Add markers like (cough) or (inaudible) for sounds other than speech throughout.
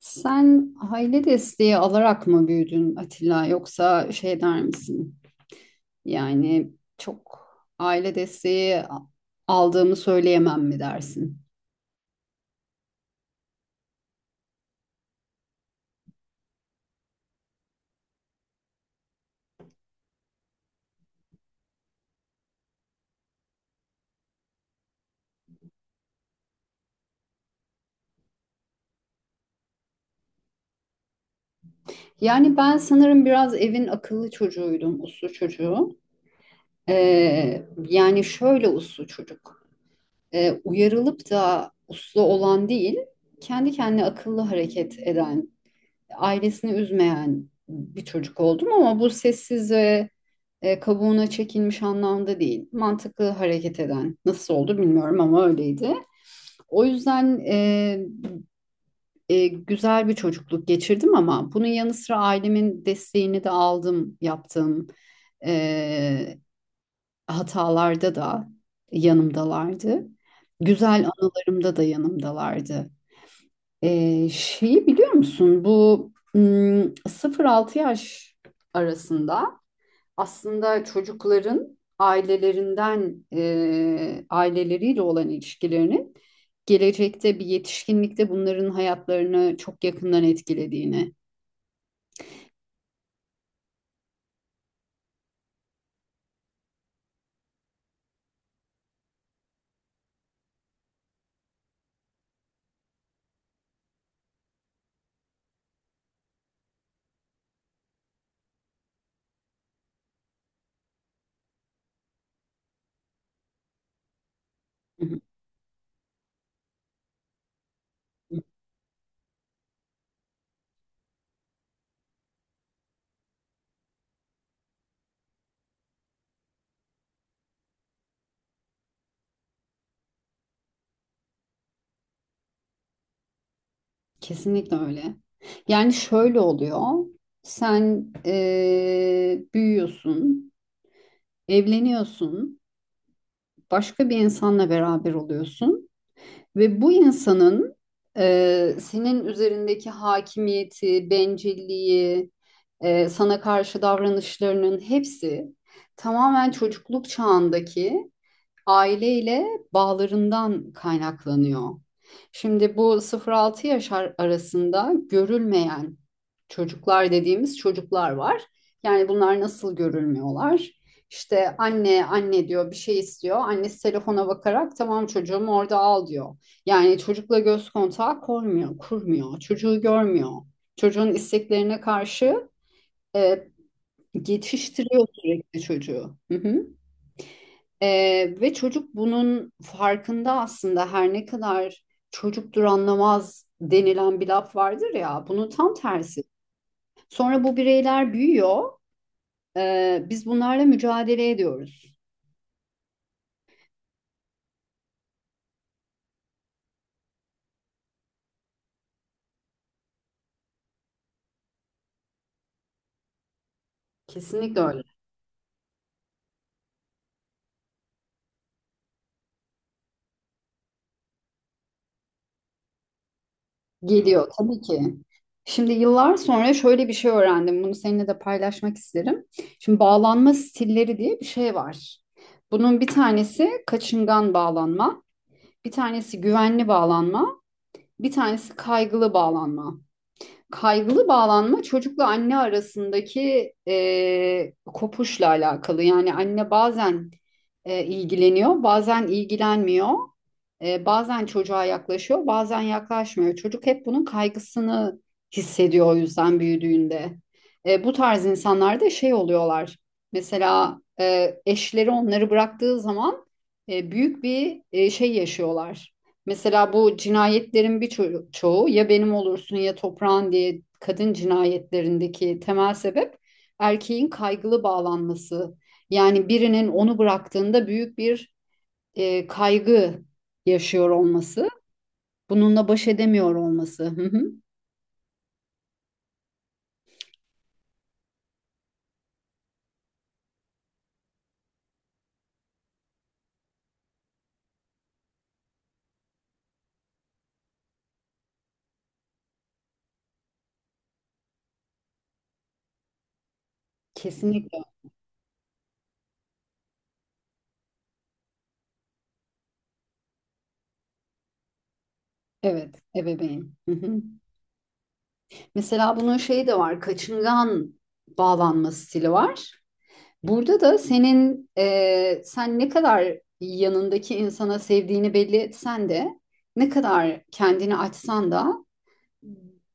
Sen aile desteği alarak mı büyüdün Atilla yoksa şey der misin? Yani çok aile desteği aldığımı söyleyemem mi dersin? Yani ben sanırım biraz evin akıllı çocuğuydum, uslu çocuğu. Yani şöyle uslu çocuk. Uyarılıp da uslu olan değil, kendi kendine akıllı hareket eden, ailesini üzmeyen bir çocuk oldum ama bu sessiz ve kabuğuna çekilmiş anlamda değil. Mantıklı hareket eden. Nasıl oldu bilmiyorum ama öyleydi. O yüzden güzel bir çocukluk geçirdim ama bunun yanı sıra ailemin desteğini de aldım, yaptım. E, hatalarda da yanımdalardı. Güzel anılarımda da yanımdalardı. Şeyi biliyor musun? Bu 0-6 yaş arasında aslında çocukların ailelerinden aileleriyle olan ilişkilerinin gelecekte bir yetişkinlikte bunların hayatlarını çok yakından etkilediğini. Hı hı. Kesinlikle öyle. Yani şöyle oluyor. Sen büyüyorsun, evleniyorsun, başka bir insanla beraber oluyorsun ve bu insanın senin üzerindeki hakimiyeti, bencilliği, sana karşı davranışlarının hepsi tamamen çocukluk çağındaki aileyle bağlarından kaynaklanıyor. Şimdi bu 0-6 yaş arasında görülmeyen çocuklar dediğimiz çocuklar var. Yani bunlar nasıl görülmüyorlar? İşte anne anne diyor bir şey istiyor. Annesi telefona bakarak tamam çocuğum orada al diyor. Yani çocukla göz kontağı kurmuyor, kurmuyor. Çocuğu görmüyor. Çocuğun isteklerine karşı e, geçiştiriyor sürekli çocuğu. Hı hı. Ve çocuk bunun farkında aslında her ne kadar çocuktur anlamaz denilen bir laf vardır ya bunun tam tersi. Sonra bu bireyler büyüyor. Biz bunlarla mücadele ediyoruz. Kesinlikle öyle. Geliyor tabii ki. Şimdi yıllar sonra şöyle bir şey öğrendim. Bunu seninle de paylaşmak isterim. Şimdi bağlanma stilleri diye bir şey var. Bunun bir tanesi kaçıngan bağlanma, bir tanesi güvenli bağlanma, bir tanesi kaygılı bağlanma. Kaygılı bağlanma çocukla anne arasındaki kopuşla alakalı. Yani anne bazen ilgileniyor, bazen ilgilenmiyor, bazen çocuğa yaklaşıyor, bazen yaklaşmıyor. Çocuk hep bunun kaygısını hissediyor o yüzden büyüdüğünde. Bu tarz insanlar da şey oluyorlar. Mesela eşleri onları bıraktığı zaman büyük bir şey yaşıyorlar. Mesela bu cinayetlerin bir çoğu ya benim olursun ya toprağın diye kadın cinayetlerindeki temel sebep erkeğin kaygılı bağlanması. Yani birinin onu bıraktığında büyük bir kaygı yaşıyor olması, bununla baş edemiyor olması. Hı hı. Kesinlikle. Evet, ebeveyn. Hı hı. Mesela bunun şeyi de var, kaçıngan bağlanma stili var. Burada da sen ne kadar yanındaki insana sevdiğini belli etsen de ne kadar kendini açsan da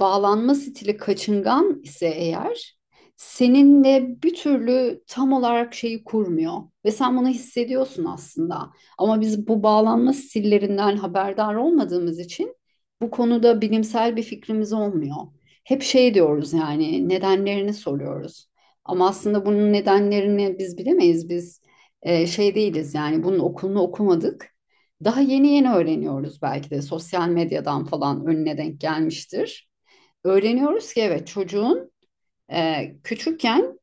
bağlanma stili kaçıngan ise eğer seninle bir türlü tam olarak şeyi kurmuyor ve sen bunu hissediyorsun aslında. Ama biz bu bağlanma stillerinden haberdar olmadığımız için bu konuda bilimsel bir fikrimiz olmuyor. Hep şey diyoruz yani nedenlerini soruyoruz. Ama aslında bunun nedenlerini biz bilemeyiz. Biz şey değiliz yani bunun okulunu okumadık. Daha yeni yeni öğreniyoruz belki de sosyal medyadan falan önüne denk gelmiştir. Öğreniyoruz ki evet çocuğun küçükken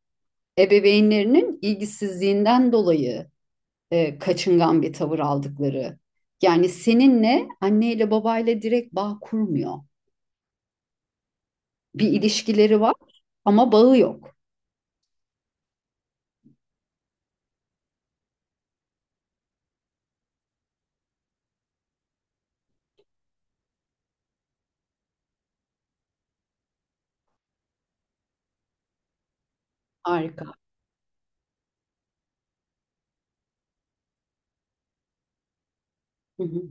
ebeveynlerinin ilgisizliğinden dolayı kaçıngan bir tavır aldıkları. Yani seninle anneyle babayla direkt bağ kurmuyor. Bir ilişkileri var ama bağı yok. Harika. Hı hı,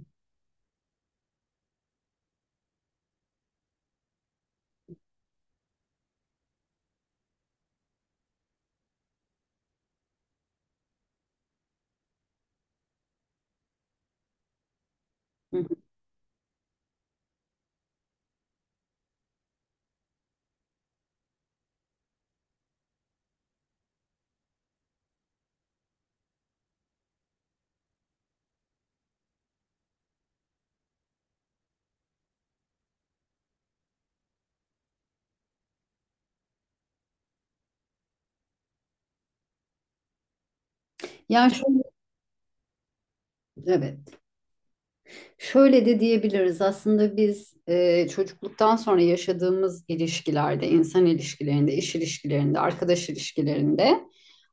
hı hı. Yani şöyle, evet. Şöyle de diyebiliriz aslında biz çocukluktan sonra yaşadığımız ilişkilerde, insan ilişkilerinde, iş ilişkilerinde, arkadaş ilişkilerinde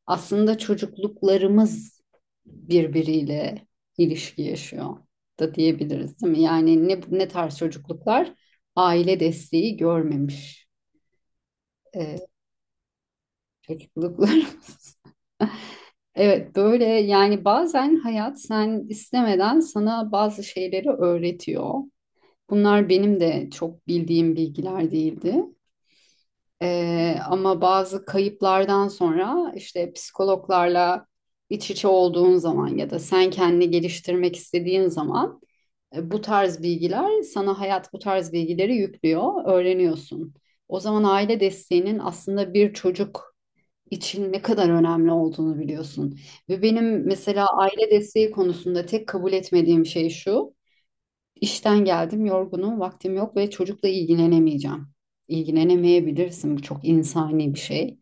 aslında çocukluklarımız birbiriyle ilişki yaşıyor da diyebiliriz değil mi? Yani ne, ne tarz çocukluklar? Aile desteği görmemiş e, çocukluklarımız. (laughs) Evet böyle yani bazen hayat sen istemeden sana bazı şeyleri öğretiyor. Bunlar benim de çok bildiğim bilgiler değildi. Ama bazı kayıplardan sonra işte psikologlarla iç içe olduğun zaman ya da sen kendini geliştirmek istediğin zaman bu tarz bilgiler sana hayat bu tarz bilgileri yüklüyor, öğreniyorsun. O zaman aile desteğinin aslında bir çocuk için ne kadar önemli olduğunu biliyorsun. Ve benim mesela aile desteği konusunda tek kabul etmediğim şey şu. İşten geldim, yorgunum, vaktim yok ve çocukla ilgilenemeyeceğim. İlgilenemeyebilirsin, bu çok insani bir şey.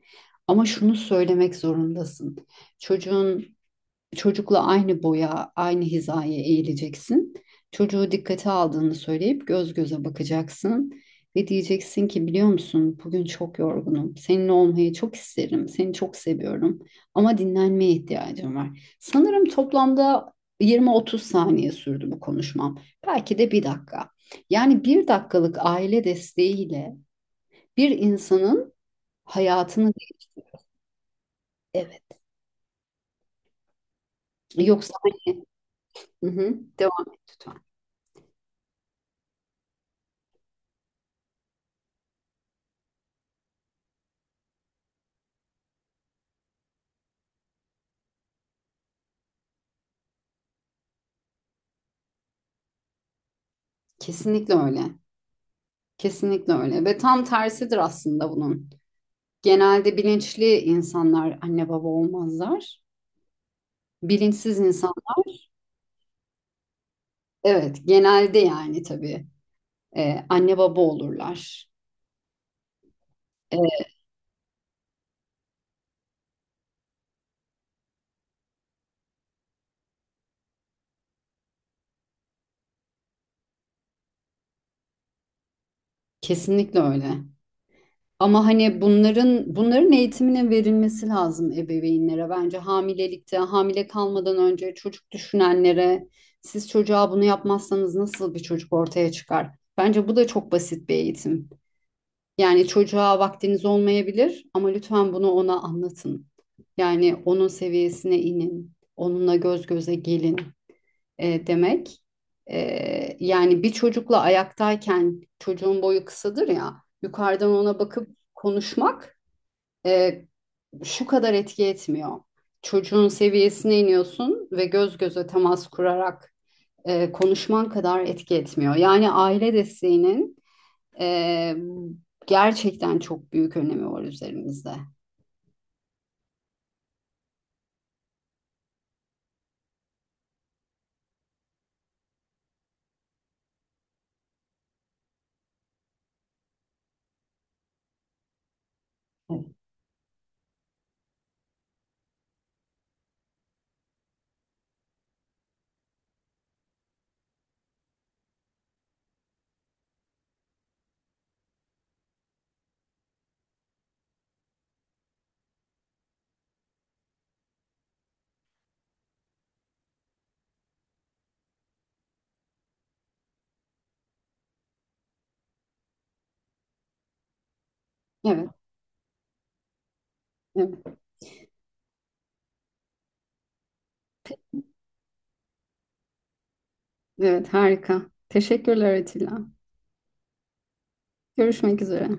Ama şunu söylemek zorundasın. Çocuğun Çocukla aynı boya, aynı hizaya eğileceksin. Çocuğu dikkate aldığını söyleyip göz göze bakacaksın ve diyeceksin ki biliyor musun bugün çok yorgunum. Seninle olmayı çok isterim. Seni çok seviyorum ama dinlenmeye ihtiyacım var. Sanırım toplamda 20-30 saniye sürdü bu konuşmam. Belki de bir dakika. Yani bir dakikalık aile desteğiyle bir insanın hayatını değiştirir. Evet. Yoksa hani, hı hı, devam et lütfen. Kesinlikle öyle. Kesinlikle öyle ve tam tersidir aslında bunun. Genelde bilinçli insanlar anne baba olmazlar. Bilinçsiz insanlar evet genelde yani tabii anne baba olurlar. E, kesinlikle öyle. Ama hani bunların eğitiminin verilmesi lazım ebeveynlere bence hamilelikte, hamile kalmadan önce çocuk düşünenlere siz çocuğa bunu yapmazsanız nasıl bir çocuk ortaya çıkar? Bence bu da çok basit bir eğitim. Yani çocuğa vaktiniz olmayabilir ama lütfen bunu ona anlatın. Yani onun seviyesine inin, onunla göz göze gelin demek. Yani bir çocukla ayaktayken çocuğun boyu kısadır ya, yukarıdan ona bakıp konuşmak e, şu kadar etki etmiyor. Çocuğun seviyesine iniyorsun ve göz göze temas kurarak konuşman kadar etki etmiyor. Yani aile desteğinin ee, gerçekten çok büyük önemi var üzerimizde. Evet, evet, evet, evet harika. Teşekkürler Atilla. Görüşmek üzere.